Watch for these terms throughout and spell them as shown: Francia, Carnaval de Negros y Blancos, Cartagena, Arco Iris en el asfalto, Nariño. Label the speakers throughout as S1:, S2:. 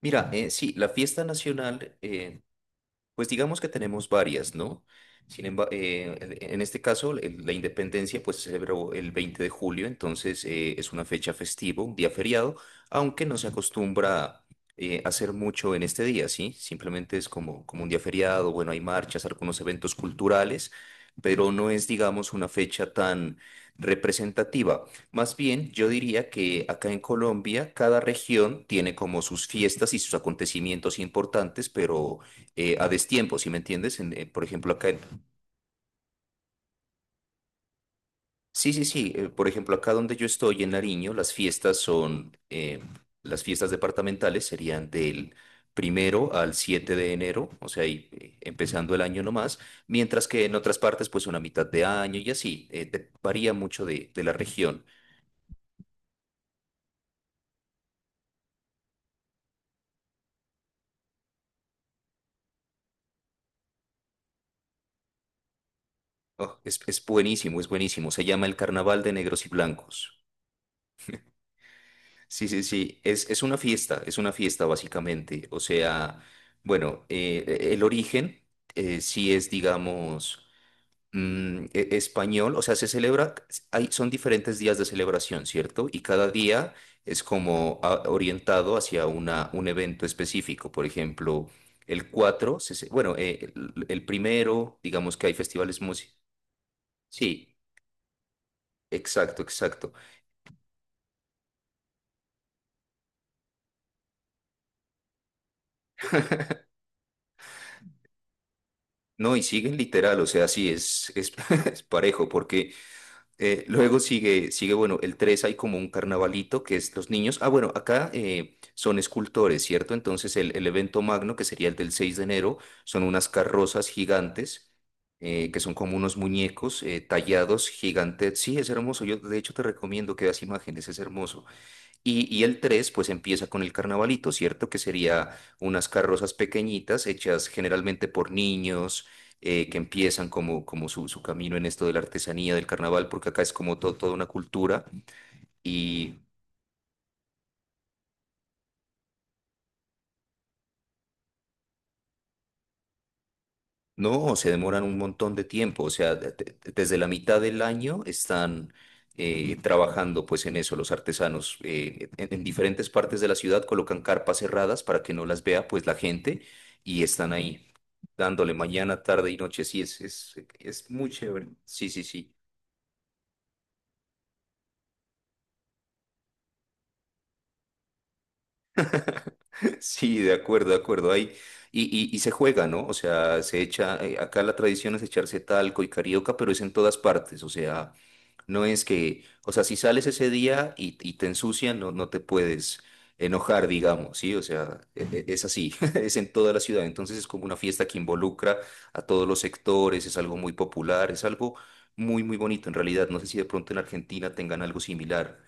S1: Mira, sí, la fiesta nacional, pues digamos que tenemos varias, ¿no? Sin embargo, en este caso, la independencia, pues, se celebró el 20 de julio. Entonces, es una fecha festiva, un día feriado, aunque no se acostumbra hacer mucho en este día, ¿sí? Simplemente es como un día feriado. Bueno, hay marchas, algunos eventos culturales, pero no es, digamos, una fecha tan representativa. Más bien, yo diría que acá en Colombia cada región tiene como sus fiestas y sus acontecimientos importantes, pero, a destiempo. ¿Sí me entiendes? Por ejemplo, acá, sí, sí, sí. Por ejemplo, acá donde yo estoy en Nariño, las fiestas departamentales serían del primero al 7 de enero, o sea, empezando el año nomás, mientras que en otras partes, pues, una mitad de año y así. Varía mucho de la región. Oh, es buenísimo, es buenísimo. Se llama el Carnaval de Negros y Blancos. Sí, sí, sí. Es una fiesta, básicamente. O sea, bueno, el origen, sí es, digamos, español. O sea, se celebra, hay, son diferentes días de celebración, ¿cierto? Y cada día es como, orientado hacia un evento específico. Por ejemplo, el 4 se ce- bueno, el primero, digamos que hay festivales músicos. Sí, exacto, exacto. No, y siguen literal, o sea, sí, es parejo, porque luego sigue, sigue, bueno, el 3 hay como un carnavalito que es los niños. Ah, bueno, acá, son escultores, ¿cierto? Entonces el evento magno, que sería el del 6 de enero, son unas carrozas gigantes, que son como unos muñecos, tallados, gigantes. Sí, es hermoso. Yo, de hecho, te recomiendo que veas imágenes. Es hermoso. Y el tres, pues, empieza con el carnavalito, ¿cierto? Que sería unas carrozas pequeñitas hechas generalmente por niños, que empiezan como su camino en esto de la artesanía, del carnaval, porque acá es como toda una cultura y no, se demoran un montón de tiempo. O sea, desde la mitad del año están, trabajando, pues, en eso los artesanos. En diferentes partes de la ciudad colocan carpas cerradas para que no las vea, pues, la gente, y están ahí, dándole mañana, tarde y noche. Sí, es muy chévere. Sí, sí, sí. Sí, de acuerdo, de acuerdo. Ahí, y se juega, ¿no? O sea, se echa, acá la tradición es echarse talco y carioca, pero es en todas partes. O sea, no es que... O sea, si sales ese día y te ensucian, no, no te puedes enojar, digamos, ¿sí? O sea, es así, es en toda la ciudad. Entonces es como una fiesta que involucra a todos los sectores. Es algo muy popular, es algo muy, muy bonito en realidad. No sé si de pronto en Argentina tengan algo similar.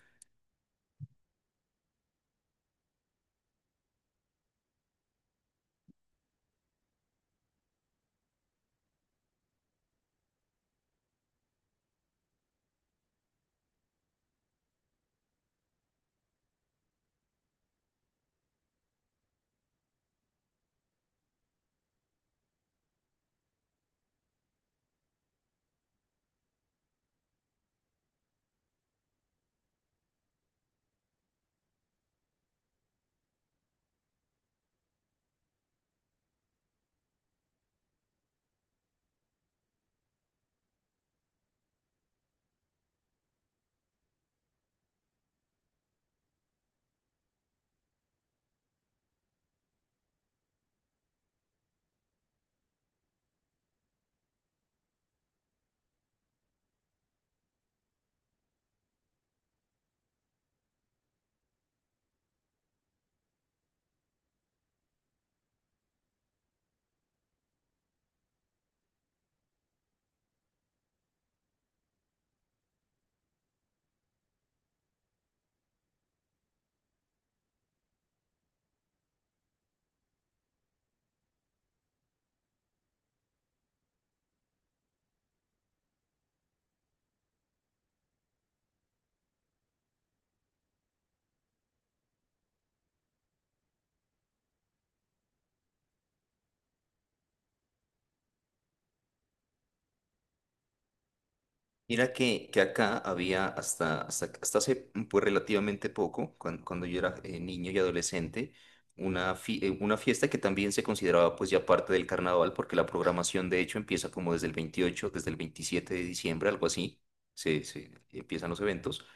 S1: Mira que acá había hasta hace, pues, relativamente poco, cuando yo era, niño y adolescente, una fiesta que también se consideraba, pues, ya parte del carnaval, porque la programación, de hecho, empieza como desde el 28, desde el 27 de diciembre, algo así. Se empiezan los eventos.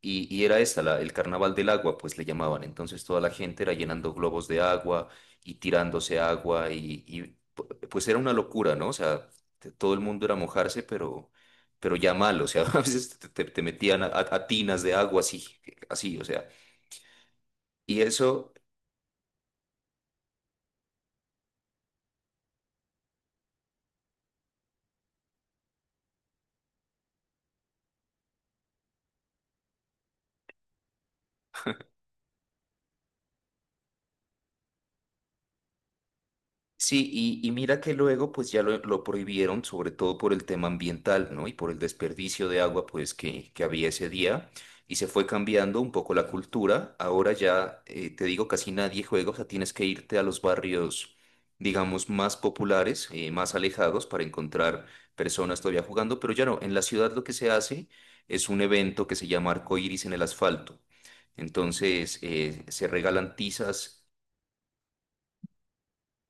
S1: Y era esta, el carnaval del agua, pues le llamaban. Entonces toda la gente era llenando globos de agua y tirándose agua pues era una locura, ¿no? O sea, todo el mundo era mojarse, pero, ya mal. O sea, a veces te metían a tinas de agua, así, así, o sea. Y eso, sí. Y mira que luego, pues, ya lo prohibieron, sobre todo por el tema ambiental, ¿no? Y por el desperdicio de agua, pues, que había ese día. Y se fue cambiando un poco la cultura. Ahora ya, te digo, casi nadie juega. O sea, tienes que irte a los barrios, digamos, más populares, más alejados, para encontrar personas todavía jugando. Pero ya no. En la ciudad lo que se hace es un evento que se llama Arco Iris en el Asfalto. Entonces, se regalan tizas.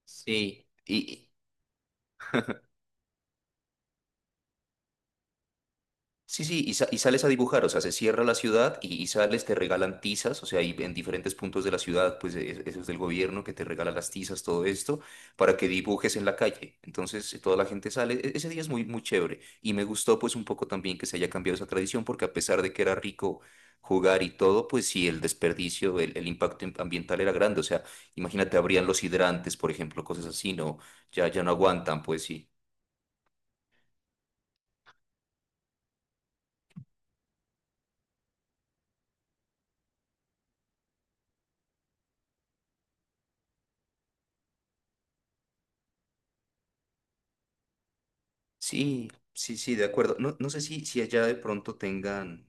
S1: Sí. Sí, sí. Y sales a dibujar. O sea, se cierra la ciudad y sales, te regalan tizas. O sea, y en diferentes puntos de la ciudad, pues, eso es del gobierno, que te regala las tizas, todo esto, para que dibujes en la calle. Entonces, toda la gente sale. Ese día es muy, muy chévere. Y me gustó, pues, un poco también que se haya cambiado esa tradición, porque a pesar de que era rico jugar y todo, pues, sí, el desperdicio, el impacto ambiental era grande. O sea, imagínate, habrían los hidrantes, por ejemplo, cosas así. No, ya no aguantan, pues sí. Sí, sí, sí, de acuerdo. No, no sé si allá de pronto tengan,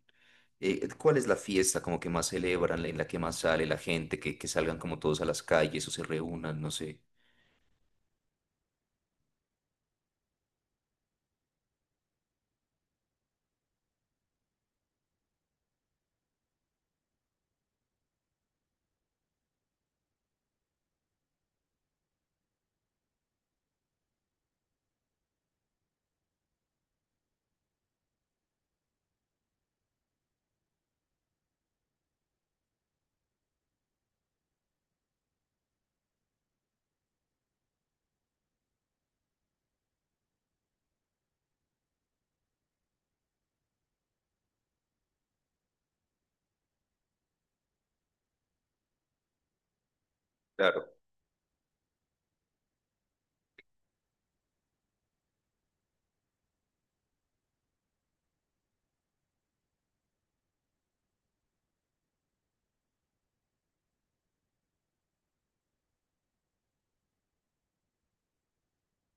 S1: ¿cuál es la fiesta como que más celebran, en la que más sale la gente, que salgan como todos a las calles o se reúnan, no sé? Claro.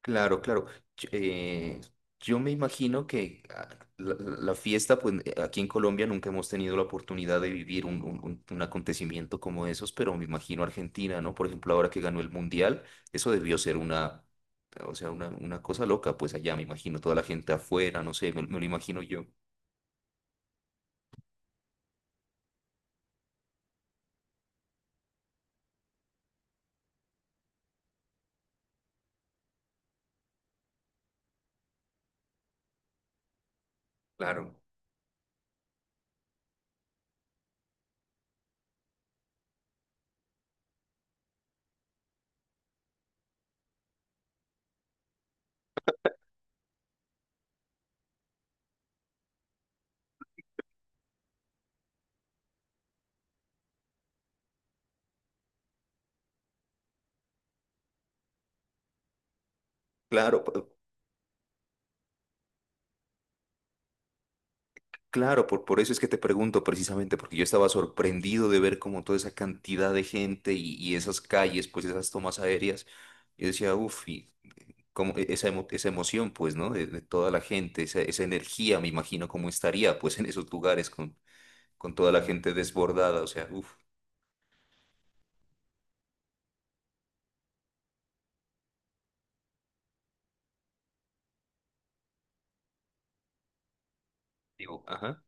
S1: Claro, claro. Ch- eh, yo me imagino que, la fiesta, pues, aquí en Colombia nunca hemos tenido la oportunidad de vivir un acontecimiento como esos, pero me imagino Argentina, ¿no? Por ejemplo, ahora que ganó el Mundial, eso debió ser una. O sea, una cosa loca, pues, allá me imagino toda la gente afuera, no sé, me lo imagino yo. Claro. Claro, claro, por eso es que te pregunto, precisamente, porque yo estaba sorprendido de ver como toda esa cantidad de gente y esas calles, pues, esas tomas aéreas. Yo decía, uff, y como, esa, esa emoción, pues, ¿no? De toda la gente, esa energía, me imagino cómo estaría, pues, en esos lugares con toda la gente desbordada, o sea, uff, digo, ajá.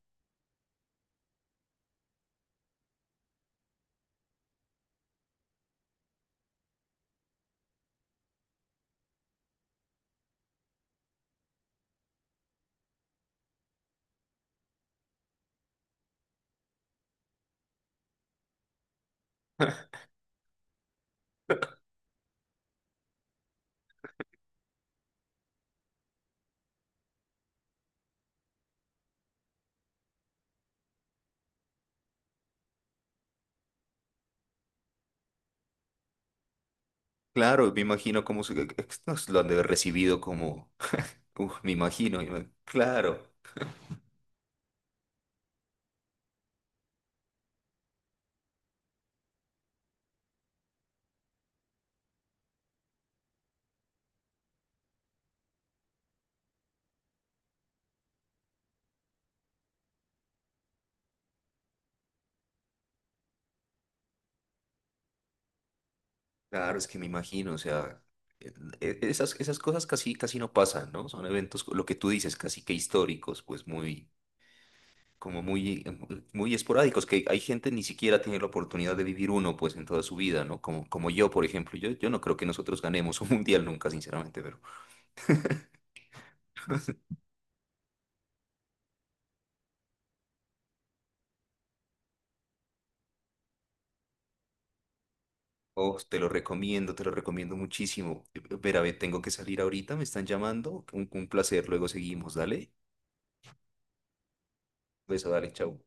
S1: Claro, me imagino cómo nos lo han de haber recibido como... Uff, me imagino, claro. Claro, es que me imagino, o sea, e- esas cosas casi, casi no pasan, ¿no? Son eventos, lo que tú dices, casi que históricos, pues, muy, como muy, muy esporádicos, que hay gente ni siquiera tiene la oportunidad de vivir uno, pues, en toda su vida, ¿no? Como yo, por ejemplo, yo no creo que nosotros ganemos un mundial nunca, sinceramente, pero... Oh, te lo recomiendo muchísimo. Ver a ver, tengo que salir ahorita, me están llamando, un placer, luego seguimos, dale, beso, dale, chao.